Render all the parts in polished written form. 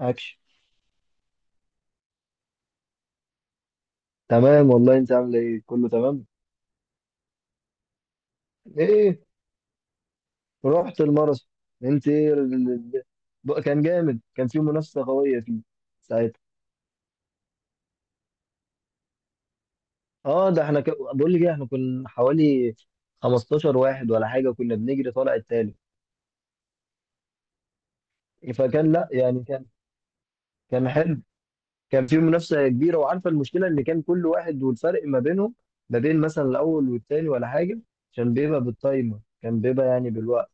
اكشن. تمام والله، انت عامله ايه؟ كله تمام. ايه، رحت الماراثون. انت ايه كان جامد، كان في منافسه قويه فيه ساعتها. اه ده احنا بقول لك ايه، احنا كنا حوالي 15 واحد ولا حاجه، كنا بنجري طالع التالت. فكان لا يعني كان، كان حلو، كان في منافسه كبيره. وعارفه المشكله ان كان كل واحد والفرق ما بينهم، ما بين مثلا الاول والتاني ولا حاجه، عشان بيبقى بالتايمر، كان بيبقى يعني بالوقت.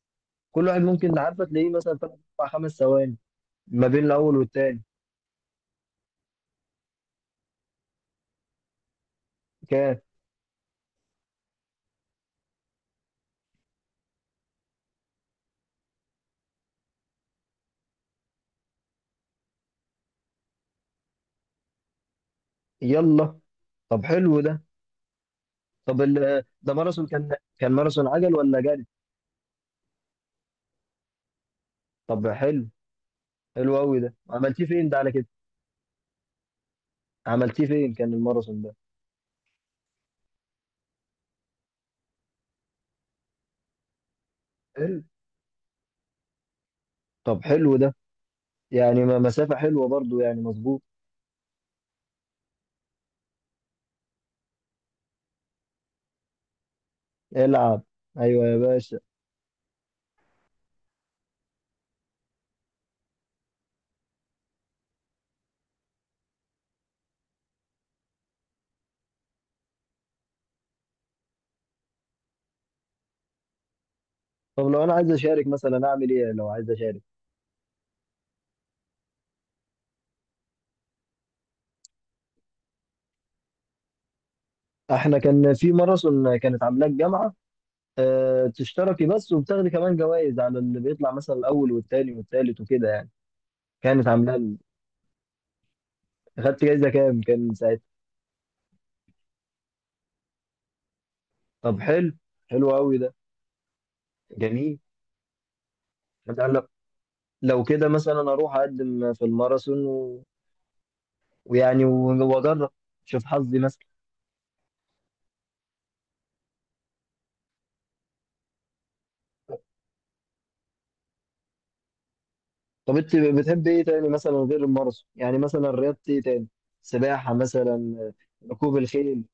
كل واحد ممكن، عارفه، تلاقيه مثلا 3 4 5 ثواني ما بين الاول والتاني. كان. يلا. طب حلو ده. طب ده ماراثون كان، ماراثون عجل ولا جري؟ طب حلو. حلو قوي ده، عملتيه فين ده على كده؟ عملتيه فين كان الماراثون ده؟ حلو. طب حلو ده، يعني مسافة حلوة برضو، يعني مظبوط. العب. ايوه يا باشا. طب لو انا عايز اشارك مثلا، اعمل ايه لو عايز اشارك؟ احنا كان في ماراثون كانت عاملاه الجامعة. أه تشتركي بس، وبتاخدي كمان جوائز على اللي بيطلع مثلا الاول والتاني والتالت وكده يعني. كانت عاملاه. اخدت جايزه كام كان ساعتها؟ طب حلو. حلو قوي ده. جميل. انت لو، لو كده مثلا اروح اقدم في الماراثون ويعني واجرب، شوف حظي مثلا. طب انت بتحب ايه تاني مثلا غير الماراثون؟ يعني مثلا رياضه ايه تاني؟ سباحه مثلا؟ ركوب الخيل؟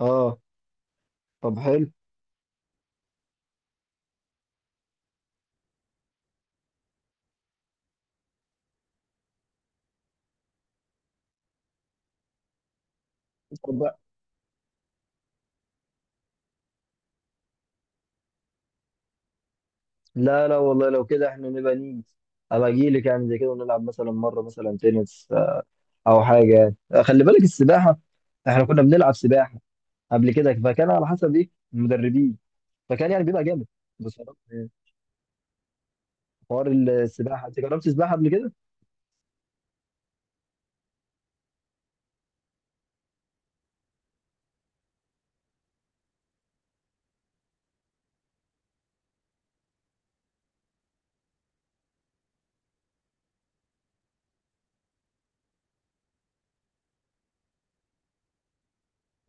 اه طب حلو. طب بقى- لا لا والله، لو كده احنا نبقى نيجي، ابقى اجي لك يعني زي كده ونلعب مثلا مره مثلا تنس، او حاجه يعني. خلي بالك السباحه، احنا كنا بنلعب سباحه قبل كده. فكان على حسب ايه المدربين، فكان يعني بيبقى جامد بصراحه يعني. حوار السباحه، انت جربت سباحه قبل كده؟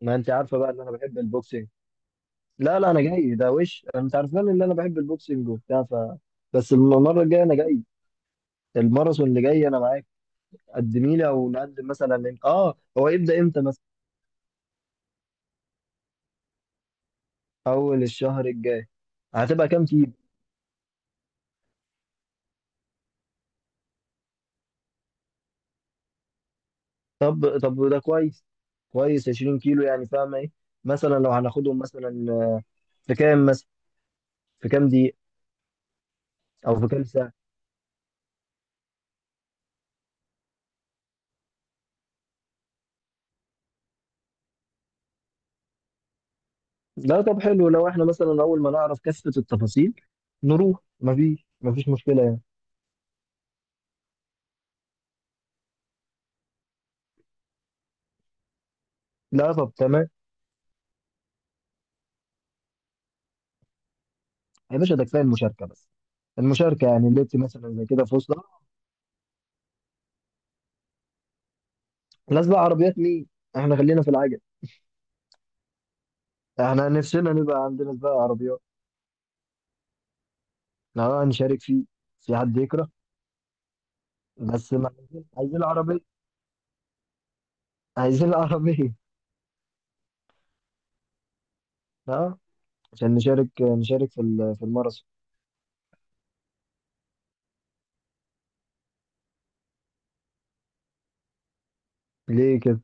ما انت عارفه بقى ان انا بحب البوكسنج. لا لا، انا جاي ده. وش انت عارفان ان انا بحب البوكسنج وبتاع. ف بس المره الجايه انا جاي. الماراثون اللي جاي انا معاك. قدمي لي او نقدم مثلا من... اه هو يبدا امتى مثلا؟ اول الشهر الجاي. هتبقى كام كيلو؟ طب ده كويس. كويس، 20 كيلو. يعني فاهمه ايه، مثلا لو هناخدهم مثلا في كام مثلا، في كام دقيقه، او في كام؟ لا طب حلو، لو احنا مثلا اول ما نعرف كافة التفاصيل نروح، مفيش مشكلة يعني. لا طب تمام. يا باشا ده كفاية المشاركة بس، المشاركة يعني اللي انت مثلا زي كده في وسطها. نازلة عربيات مين؟ احنا خلينا في العجل. احنا نفسنا نبقى عندنا سباق عربيات. احنا هنشارك فيه. في حد يكره؟ بس ما عايزين، عايزين العربية. عايزين العربية. اه عشان نشارك في في الماراثون. ليه كده؟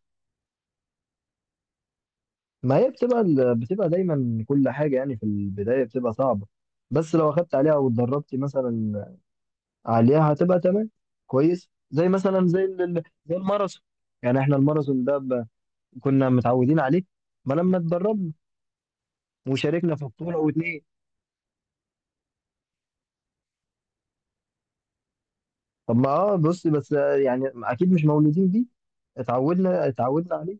ما هي بتبقى بتبقى دايما كل حاجة يعني في البداية بتبقى صعبة. بس لو أخدت عليها واتدربت مثلا عليها هتبقى تمام، كويس، زي مثلا زي زي الماراثون. يعني احنا الماراثون ده كنا متعودين عليه ما لما اتدربنا وشاركنا في بطولة واتنين. طب ما بص بس، يعني أكيد مش مولودين بيه. اتعودنا عليه.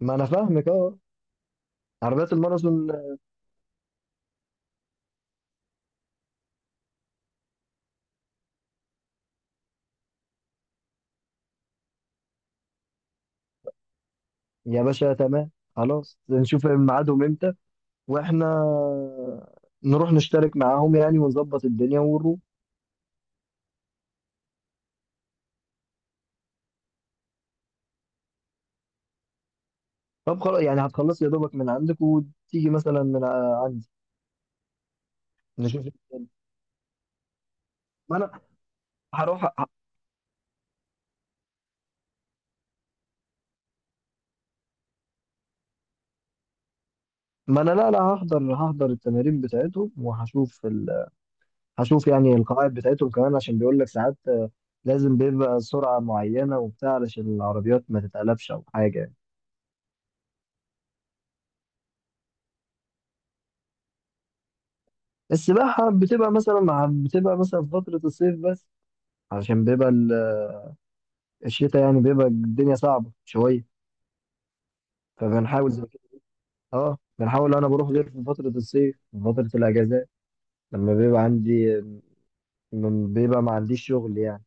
ما أنا فاهمك اه، عربيات الماراثون. يا باشا تمام خلاص، نشوف ميعادهم امتى، واحنا نروح نشترك معاهم يعني ونظبط الدنيا ونروح. طب خلاص يعني هتخلص يا دوبك من عندك وتيجي مثلا من عندي. نشوف. ما انا هروح ما انا لا لا، هحضر التمارين بتاعتهم وهشوف هشوف يعني القواعد بتاعتهم كمان. عشان بيقول لك ساعات، لازم بيبقى سرعة معينة وبتاع علشان العربيات ما تتقلبش او حاجة يعني. السباحة بتبقى مثلا، مع بتبقى مثلا في فترة الصيف بس، علشان بيبقى الشتاء يعني بيبقى الدنيا صعبة شوية. فبنحاول، اه بنحاول انا بروح غير في فترة الصيف، في فترة الاجازات، لما بيبقى عندي، لما بيبقى ما عنديش شغل يعني.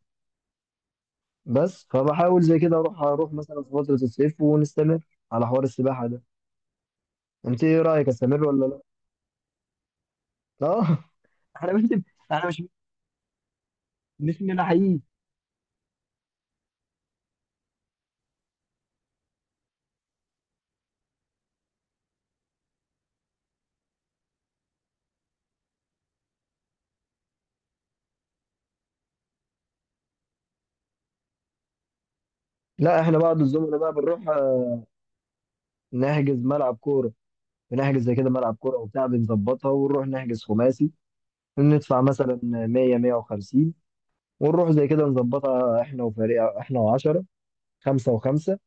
بس فبحاول زي كده اروح مثلا في فترة الصيف، ونستمر على حوار السباحة ده. انت ايه رأيك، استمر ولا لا؟ اه احنا مش احنا مش من الحقيقي. لا احنا بعض الزملاء بقى بنروح، نحجز ملعب كورة. بنحجز زي كده ملعب كورة وبتاع، بنظبطها ونروح نحجز خماسي. ندفع مثلا 100 150، ونروح زي كده نظبطها، احنا وفريق احنا، و10، خمسة وخمسة،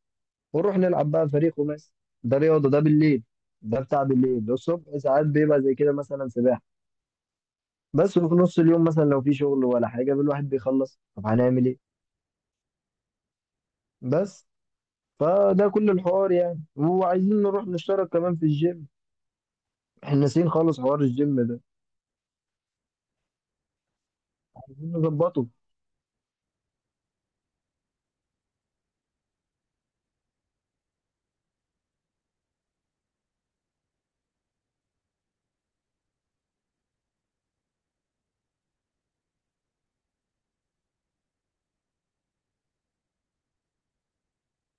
ونروح نلعب بقى فريق خماسي. ده رياضه، ده بالليل. ده بتاع بالليل. الصبح ساعات بيبقى زي كده مثلا سباحه بس. وفي نص اليوم مثلا لو في شغل ولا حاجه الواحد بيخلص، طب هنعمل ايه؟ بس فده كل الحوار يعني. وعايزين نروح نشترك كمان في الجيم. احنا ناسيين خالص حوار الجيم ده، عايزين نظبطه.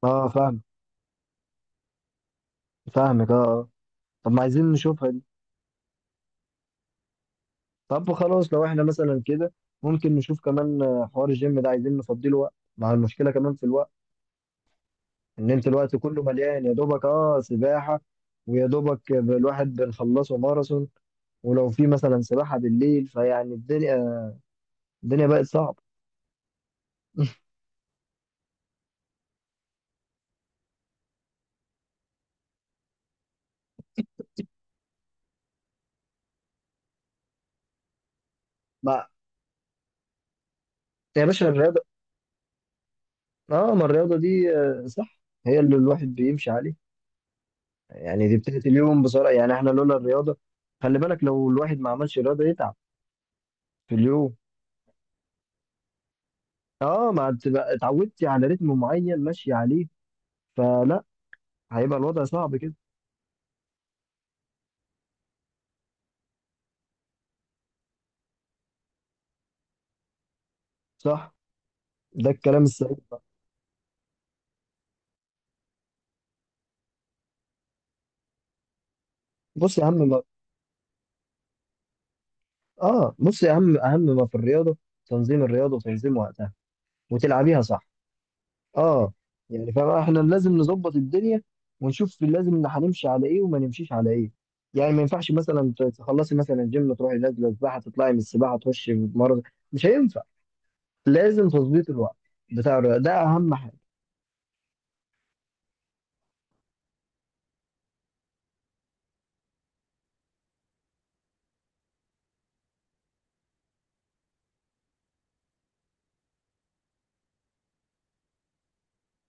اه فاهم. فاهمك اه آه. طب ما عايزين نشوفها دي. طب خلاص لو احنا مثلا كده، ممكن نشوف كمان حوار الجيم ده، عايزين نفضيله وقت. مع المشكله كمان في الوقت ان انت الوقت كله مليان يا دوبك، اه سباحه، ويا دوبك الواحد بنخلصه ماراثون، ولو في مثلا سباحه بالليل فيعني الدنيا، الدنيا بقت صعبه ما يا باشا الرياضه، اه ما الرياضه دي صح، هي اللي الواحد بيمشي عليه. يعني دي بتاعت اليوم بصراحه، يعني احنا لولا الرياضه، خلي بالك لو الواحد ما عملش رياضه يتعب في اليوم. اه ما تبقى اتعودتي على رتم معين ماشي عليه، فلا، هيبقى الوضع صعب كده. صح. ده الكلام السليم. بص يا عم، اه بص، اهم ما في الرياضه، تنظيم الرياضه وتنظيم وقتها، وتلعبيها صح. اه يعني فاحنا لازم نظبط الدنيا، ونشوف لازم إن هنمشي على ايه وما نمشيش على ايه. يعني ما ينفعش مثلا تخلصي مثلا الجيم، تروحي نازله سباحه، تطلعي من السباحه تخشي مرض. مش هينفع. لازم تظبيط الوقت بتاع الرياضه ده اهم حاجه.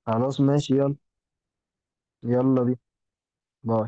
خلاص ماشي يلا. يلا بينا.